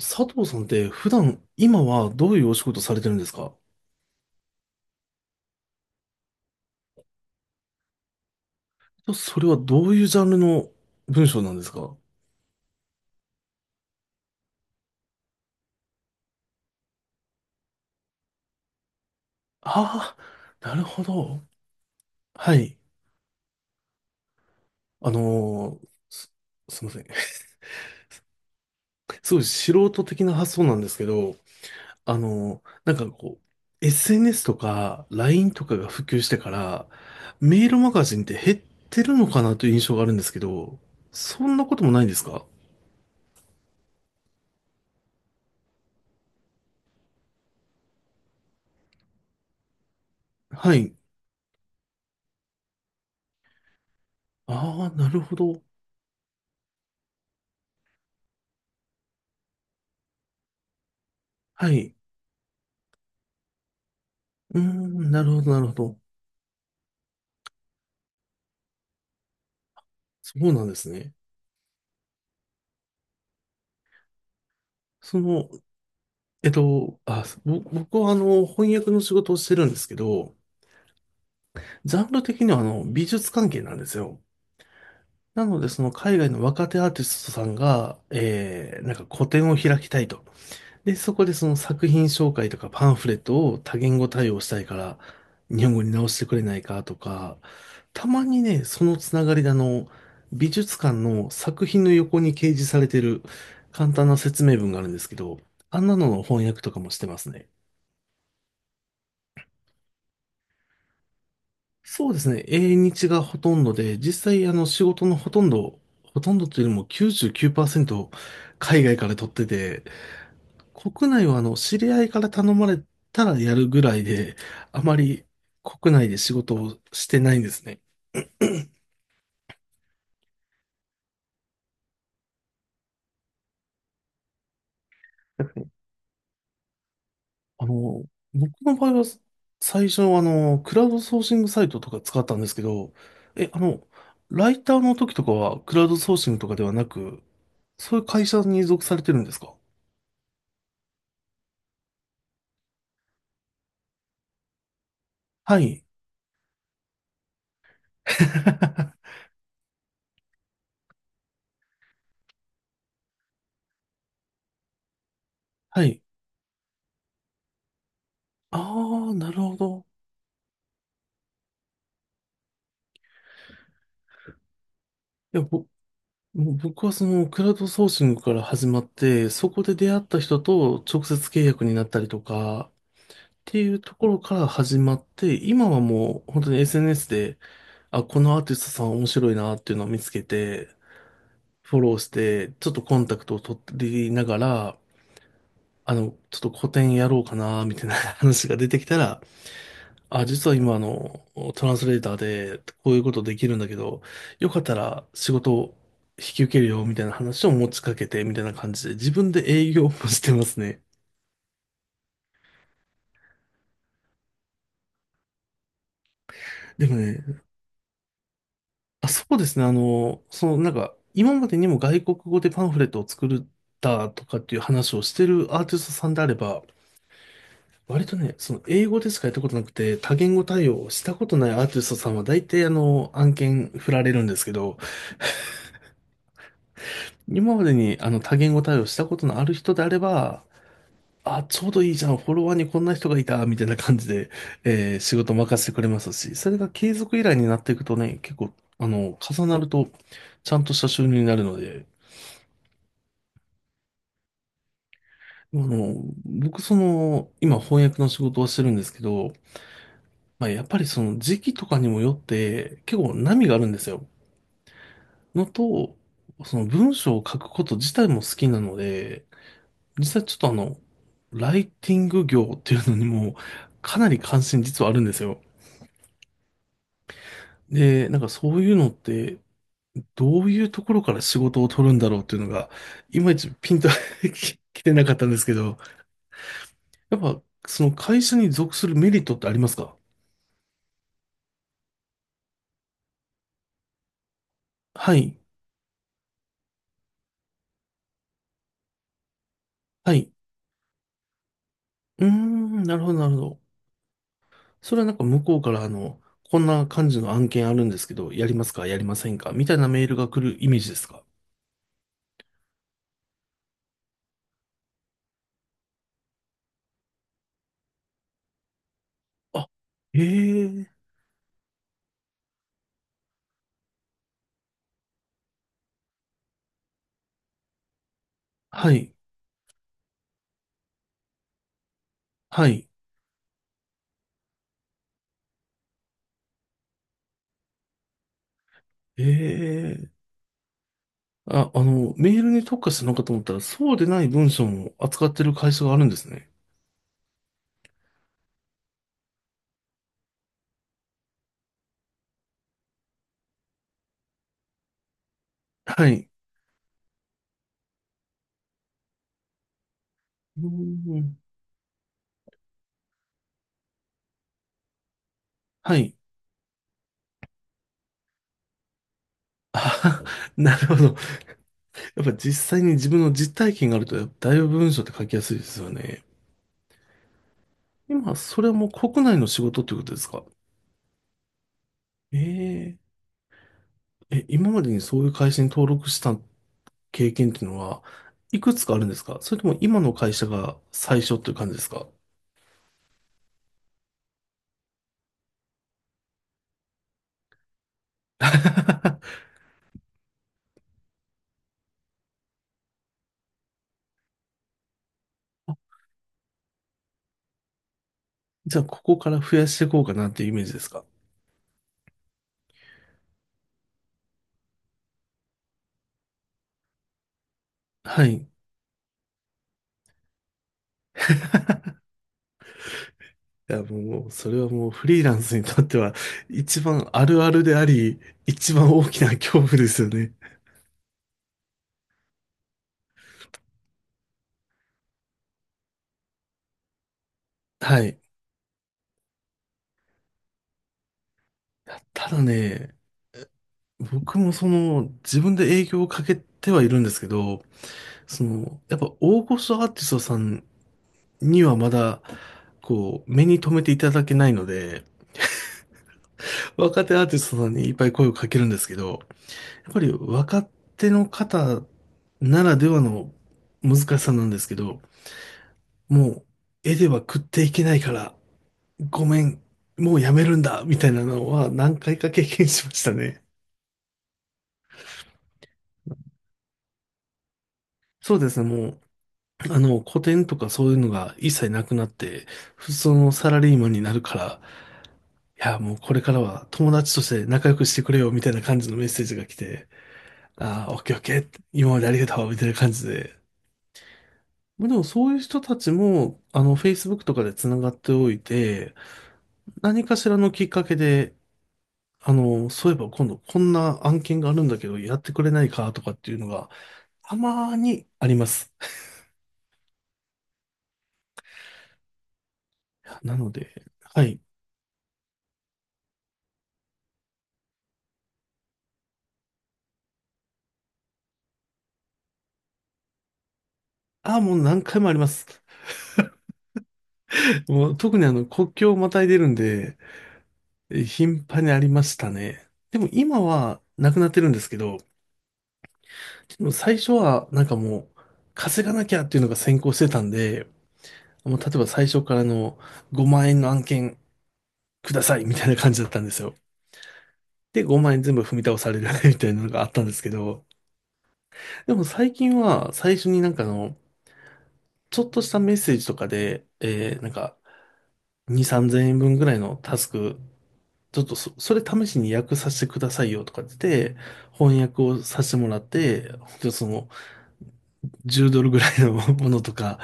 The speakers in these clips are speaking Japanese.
佐藤さんって普段、今はどういうお仕事されてるんですか？それはどういうジャンルの文章なんですか？ああー、なるほど。はい。あのーす、すいません。すごい素人的な発想なんですけど、なんかこう、SNS とか LINE とかが普及してから、メールマガジンって減ってるのかなという印象があるんですけど、そんなこともないんですか？はい。ああ、なるほど。はい。うーん、なるほど、なるほど。そうなんですね。その、あ、僕は翻訳の仕事をしてるんですけど、ジャンル的には美術関係なんですよ。なので、その海外の若手アーティストさんが、なんか個展を開きたいと。で、そこでその作品紹介とかパンフレットを多言語対応したいから、日本語に直してくれないかとか、たまにね、そのつながりで美術館の作品の横に掲示されてる簡単な説明文があるんですけど、あんなのの翻訳とかもしてますね。そうですね。英日がほとんどで、実際仕事のほとんど、ほとんどというよりも99%海外から取ってて、国内は知り合いから頼まれたらやるぐらいで、あまり国内で仕事をしてないんですね。あの、僕の場合は最初はクラウドソーシングサイトとか使ったんですけど、え、あの、ライターの時とかはクラウドソーシングとかではなく、そういう会社に属されてるんですか？はい。はい。ああ、なるほど。いや、もう僕はそのクラウドソーシングから始まって、そこで出会った人と直接契約になったりとか、っていうところから始まって、今はもう本当に SNS で、あ、このアーティストさん面白いなっていうのを見つけて、フォローして、ちょっとコンタクトを取りながら、ちょっと個展やろうかな、みたいな話が出てきたら、あ、実は今、トランスレーターで、こういうことできるんだけど、よかったら仕事を引き受けるよ、みたいな話を持ちかけて、みたいな感じで、自分で営業もしてますね。でもね、あ、そうですね、その、なんか、今までにも外国語でパンフレットを作ったとかっていう話をしてるアーティストさんであれば、割とね、その英語でしかやったことなくて、多言語対応をしたことないアーティストさんは大体案件振られるんですけど、今までに多言語対応したことのある人であれば、あ、ちょうどいいじゃん、フォロワーにこんな人がいた、みたいな感じで、仕事任せてくれますし、それが継続依頼になっていくとね、結構、重なると、ちゃんとした収入になるので、あの、僕、その、今翻訳の仕事をしてるんですけど、まあ、やっぱりその時期とかにもよって、結構波があるんですよ。のと、その文章を書くこと自体も好きなので、実際ちょっとライティング業っていうのにも、かなり関心実はあるんですよ。で、なんかそういうのって、どういうところから仕事を取るんだろうっていうのが、いまいちピンと 来てなかったんですけど、やっぱその会社に属するメリットってありますか？はい。はい。うーん、なるほど、なるほど。それはなんか向こうからこんな感じの案件あるんですけど、やりますか、やりませんかみたいなメールが来るイメージですか？あ、ええはい。はい。ええ。あ、メールに特化するのかと思ったら、そうでない文章も扱ってる会社があるんですね。はい。うーん。はい。あ、なるほど。やっぱ実際に自分の実体験があると、だいぶ文章って書きやすいですよね。今、それはもう国内の仕事ってことですか？ええ。今までにそういう会社に登録した経験っていうのは、いくつかあるんですか？それとも今の会社が最初っていう感じですか？ じゃあ、ここから増やしていこうかなっていうイメージですか？はい。いや、もう、それはもうフリーランスにとっては一番あるあるであり、一番大きな恐怖ですよね。はい。いやただね、僕もその、自分で営業をかけてはいるんですけど、その、やっぱ大御所アーティストさんにはまだ、こう、目に留めていただけないので、若手アーティストさんにいっぱい声をかけるんですけど、やっぱり若手の方ならではの難しさなんですけど、もう絵では食っていけないから、ごめん、もうやめるんだ、みたいなのは何回か経験しましたね。そうですね、もう、古典とかそういうのが一切なくなって、普通のサラリーマンになるから、いや、もうこれからは友達として仲良くしてくれよ、みたいな感じのメッセージが来て、ああ、オッケーオッケー、今までありがとう、みたいな感じで、まあでもそういう人たちも、Facebook とかでつながっておいて、何かしらのきっかけで、そういえば今度こんな案件があるんだけど、やってくれないかとかっていうのが、たまーにあります。なので、はい。ああ、もう何回もあります。もう特に国境をまたいでるんで、頻繁にありましたね。でも今はなくなってるんですけど、でも最初はなんかもう、稼がなきゃっていうのが先行してたんで、もう例えば最初からの5万円の案件くださいみたいな感じだったんですよ。で、5万円全部踏み倒される みたいなのがあったんですけど、でも最近は最初になんかちょっとしたメッセージとかで、なんか2、3000円分ぐらいのタスク、ちょっとそれ試しに訳させてくださいよとかって言って、翻訳をさせてもらって、本当にその、10ドルぐらいの ものとか、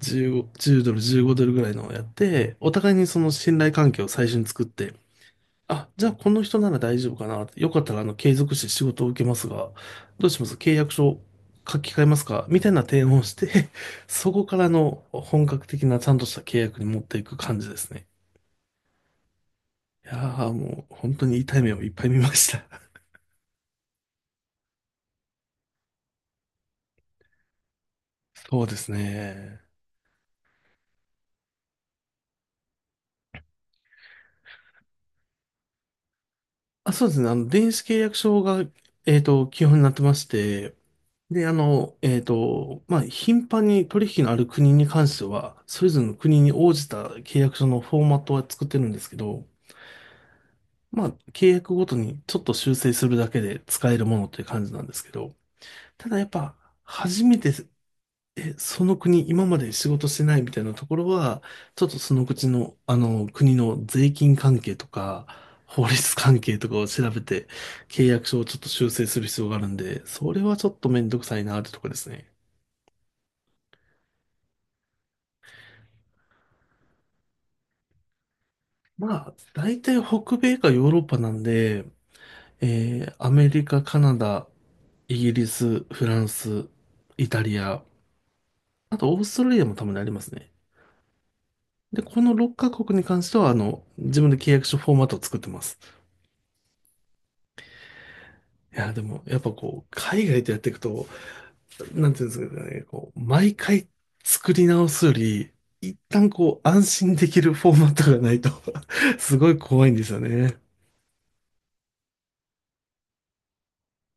15、10ドル、15ドルぐらいのをやって、お互いにその信頼関係を最初に作って、あ、じゃあこの人なら大丈夫かな。よかったら継続して仕事を受けますが、どうします？契約書書き換えますか？みたいな提案をして、そこからの本格的なちゃんとした契約に持っていく感じですね。いやーもう本当に痛い目をいっぱい見ました。そうですね。あ、そうですね。電子契約書が、基本になってまして、で、まあ、頻繁に取引のある国に関しては、それぞれの国に応じた契約書のフォーマットは作ってるんですけど、まあ、契約ごとにちょっと修正するだけで使えるものっていう感じなんですけど、ただやっぱ、初めて、その国、今まで仕事してないみたいなところは、ちょっとその口の、国の税金関係とか、法律関係とかを調べて、契約書をちょっと修正する必要があるんで、それはちょっとめんどくさいなってとこですね。まあ、大体北米かヨーロッパなんで、アメリカ、カナダ、イギリス、フランス、イタリア、あと、オーストラリアもたまにありますね。で、この6カ国に関しては、自分で契約書フォーマットを作ってます。いや、でも、やっぱこう、海外でやっていくと、なんていうんですかね、こう、毎回作り直すより、一旦こう、安心できるフォーマットがないと すごい怖いんですよね。